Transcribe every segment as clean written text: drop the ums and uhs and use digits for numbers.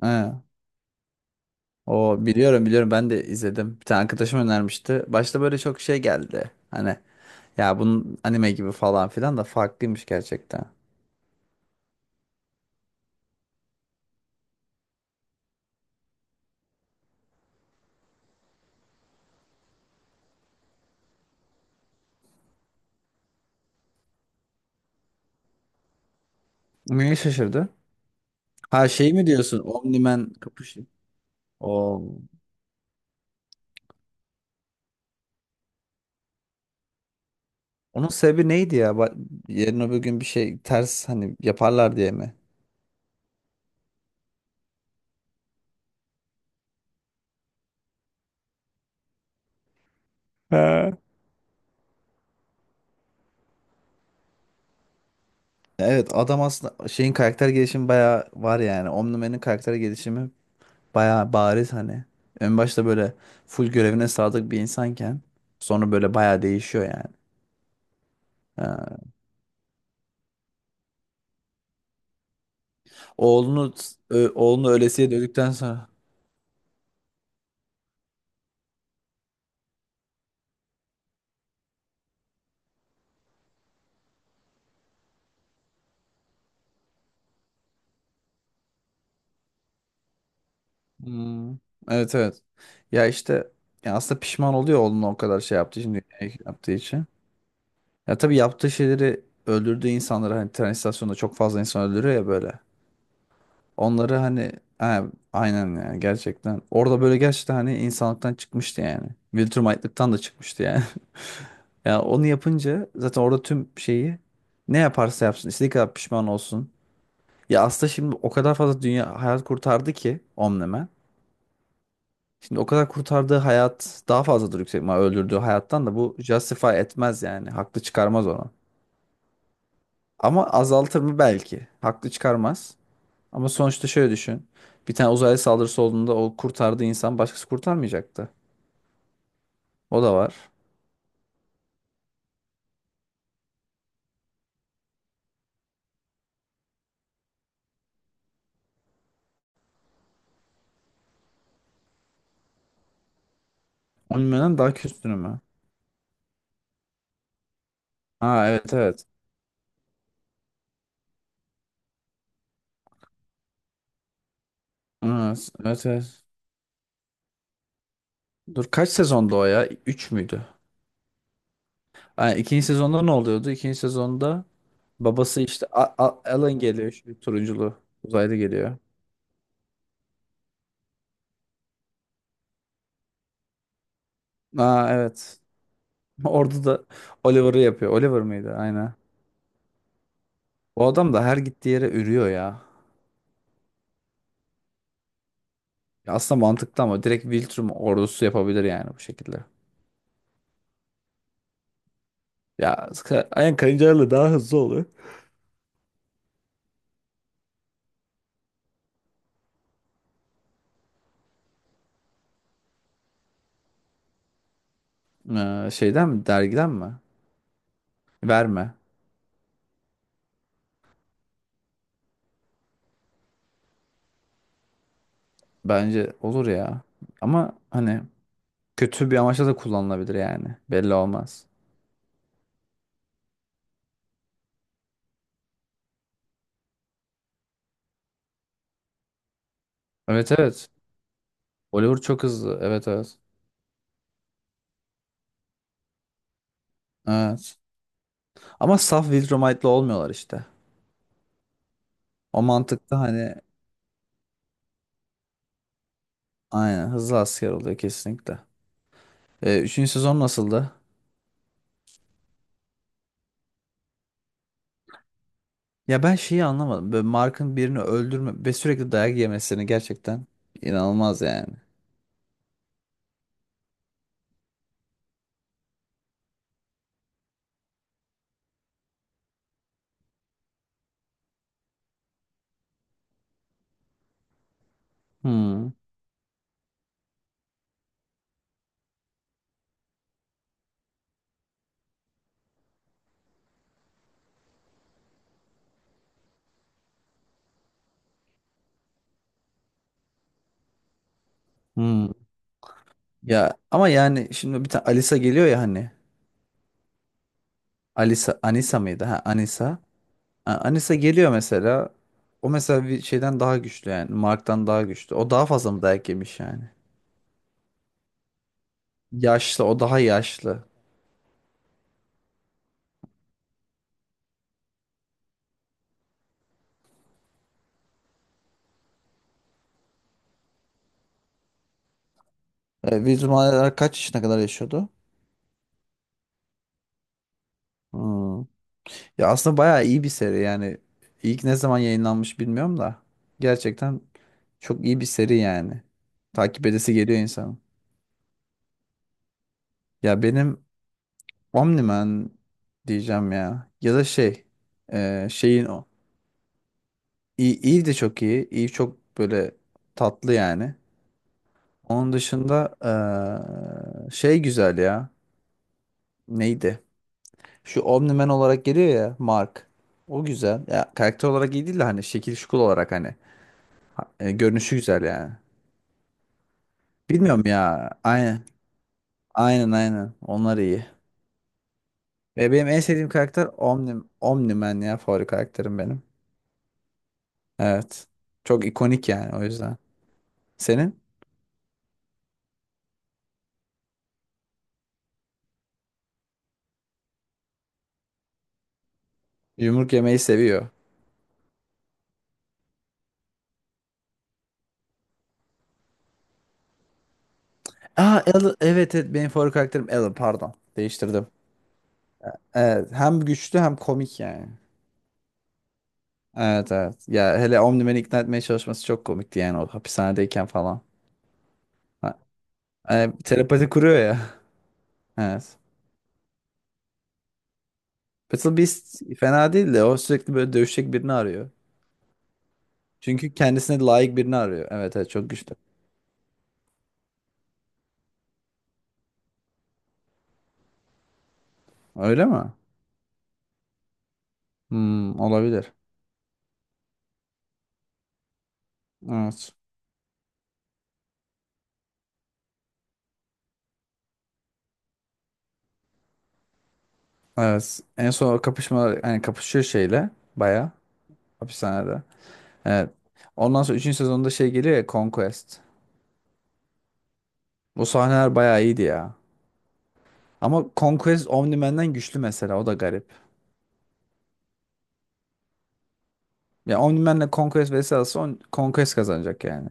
Ha, o biliyorum biliyorum ben de izledim. Bir tane arkadaşım önermişti. Başta böyle çok şey geldi. Hani ya bunun anime gibi falan filan da farklıymış gerçekten. Neye şaşırdı? Ha şey mi diyorsun? Omniman kapışı. O onun sebebi neydi ya? Yarın öbür gün bir şey ters hani yaparlar diye mi? Ha. Evet adam aslında şeyin karakter gelişimi bayağı var yani. Omniman'in karakter gelişimi bayağı bariz hani. En başta böyle full görevine sadık bir insanken sonra böyle bayağı değişiyor yani. Ha. Oğlunu oğlunu ölesiye dövdükten sonra. Hmm. Evet evet. Ya işte ya aslında pişman oluyor oğlunu o kadar şey yaptığı için dünyaya yaptığı için. Ya tabii yaptığı şeyleri öldürdüğü insanları hani tren istasyonunda çok fazla insan öldürüyor ya böyle. Onları hani ha, aynen yani gerçekten. Orada böyle gerçekten hani insanlıktan çıkmıştı yani. Viltrumaytlıktan da çıkmıştı yani. Ya onu yapınca zaten orada tüm şeyi ne yaparsa yapsın istediği kadar pişman olsun. Ya aslında şimdi o kadar fazla dünya hayat kurtardı ki. Şimdi o kadar kurtardığı hayat daha fazladır yüksek ihtimal öldürdüğü hayattan da bu justify etmez yani. Haklı çıkarmaz onu. Ama azaltır mı belki. Haklı çıkarmaz. Ama sonuçta şöyle düşün. Bir tane uzaylı saldırısı olduğunda o kurtardığı insan başkası kurtarmayacaktı. O da var. Onun daha üstünü mü? Ha evet evet. Evet evet. Evet. Dur kaç sezonda o ya? 3 müydü? Ha, ikinci sezonda ne oluyordu? İkinci sezonda babası işte Alan geliyor. Şu turunculu uzaylı geliyor. Ha evet. Orada da Oliver'ı yapıyor. Oliver mıydı? Aynen. Bu adam da her gittiği yere ürüyor ya. Ya aslında mantıklı ama direkt Viltrum ordusu yapabilir yani bu şekilde. Ya aynen karıncalarla daha hızlı oluyor. Şeyden mi dergiden mi? Verme. Bence olur ya. Ama hani kötü bir amaçla da kullanılabilir yani. Belli olmaz. Evet evet. Oliver çok hızlı. Evet evet. Evet. Ama saf Viltrumite'la olmuyorlar işte. O mantıkta hani aynen hızlı asker oluyor kesinlikle. Üçüncü sezon nasıldı? Ya ben şeyi anlamadım. Böyle Mark'ın birini öldürme ve sürekli dayak yemesini gerçekten inanılmaz yani. Hmm. Hmm. Ya ama yani şimdi bir tane Alisa geliyor ya hani. Alisa Anisa mıydı? Ha Anisa. Ha, Anisa geliyor mesela. O mesela bir şeyden daha güçlü yani. Mark'tan daha güçlü. O daha fazla mı dayak yemiş yani? Yaşlı, o daha yaşlı. Vizum Alara kaç yaşına kadar yaşıyordu? Hmm. Ya aslında bayağı iyi bir seri yani. İlk ne zaman yayınlanmış bilmiyorum da. Gerçekten çok iyi bir seri yani. Takip edesi geliyor insanın. Ya benim OmniMan diyeceğim ya. Ya da şey. Şeyin o. İyi, iyi de çok iyi. İyi çok böyle tatlı yani. Onun dışında şey güzel ya. Neydi? Şu Omni-Man olarak geliyor ya Mark. O güzel. Ya karakter olarak iyi değil de hani şekil şukul olarak hani görünüşü güzel yani. Bilmiyorum ya. Aynen. Aynen aynen. Onlar iyi. Ve benim en sevdiğim karakter Omni-Man ya favori karakterim benim. Evet. Çok ikonik yani o yüzden. Senin? Yumruk yemeyi seviyor. Aa, evet evet benim favori karakterim Alan pardon. Değiştirdim. Evet hem güçlü hem komik yani. Evet evet. Ya hele Omni-Man'i ikna etmeye çalışması çok komikti yani o hapishanedeyken falan. Ha, telepati kuruyor ya. Evet. Battle Beast fena değil de o sürekli böyle dövüşecek birini arıyor. Çünkü kendisine layık birini arıyor. Evet evet çok güçlü. Öyle mi? Hmm, olabilir. Evet. Evet. En son o kapışma yani kapışıyor şeyle baya hapishanede. Evet. Ondan sonra üçüncü sezonda şey geliyor ya Conquest. Bu sahneler bayağı iyiydi ya. Ama Conquest Omni-Man'den güçlü mesela o da garip. Ya Omni-Man'le Conquest vs. alsa Conquest kazanacak yani.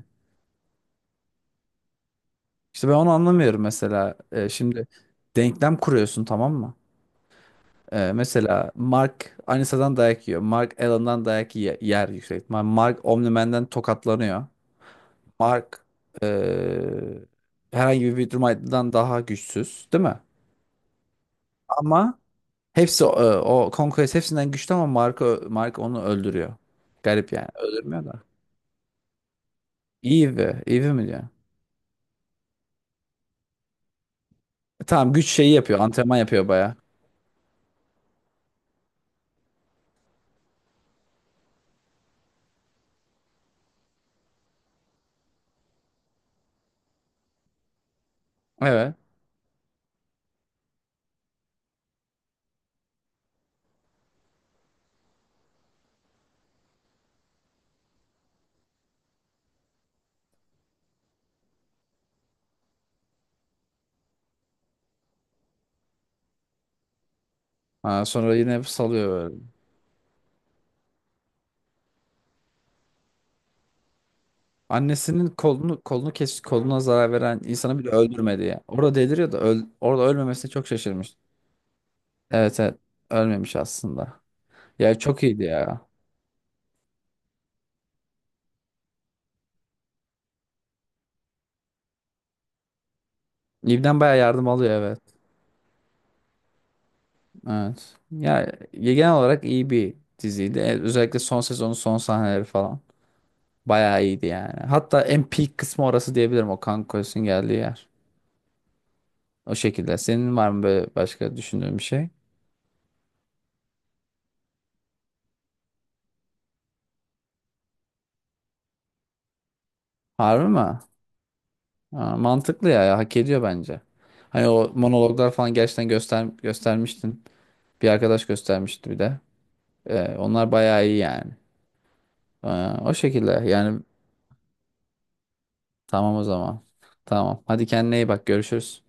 İşte ben onu anlamıyorum mesela. Şimdi denklem kuruyorsun tamam mı? Mesela Mark Anissa'dan dayak yiyor. Mark Allen'dan dayak yer yüksek ihtimal. Mark Omni-Man'den tokatlanıyor. Mark ee, herhangi bir Widmer'dan daha güçsüz değil mi? Ama hepsi o Conquest hepsinden güçlü ama Mark onu öldürüyor. Garip yani. Öldürmüyor da. Eve. Eve mi diyor? Tamam güç şeyi yapıyor. Antrenman yapıyor baya. Evet. Ha, sonra yine salıyor böyle. Annesinin kolunu kolunu kes koluna zarar veren insanı bile öldürmedi ya. Orada deliriyor da orada ölmemesine çok şaşırmış. Evet evet. Ölmemiş aslında. Ya çok iyiydi ya. İbden bayağı yardım alıyor evet. Evet. Ya genel olarak iyi bir diziydi. Özellikle son sezonun son sahneleri falan. Bayağı iyiydi yani. Hatta en peak kısmı orası diyebilirim o kan koyusun geldiği yer. O şekilde. Senin var mı böyle başka düşündüğün bir şey? Harbi mi? Aa, mantıklı ya, ya hak ediyor bence. Hani o monologlar falan gerçekten göstermiştin. Bir arkadaş göstermişti bir de. Onlar bayağı iyi yani. Ee, O şekilde yani tamam o zaman. Tamam. Hadi kendine iyi bak görüşürüz.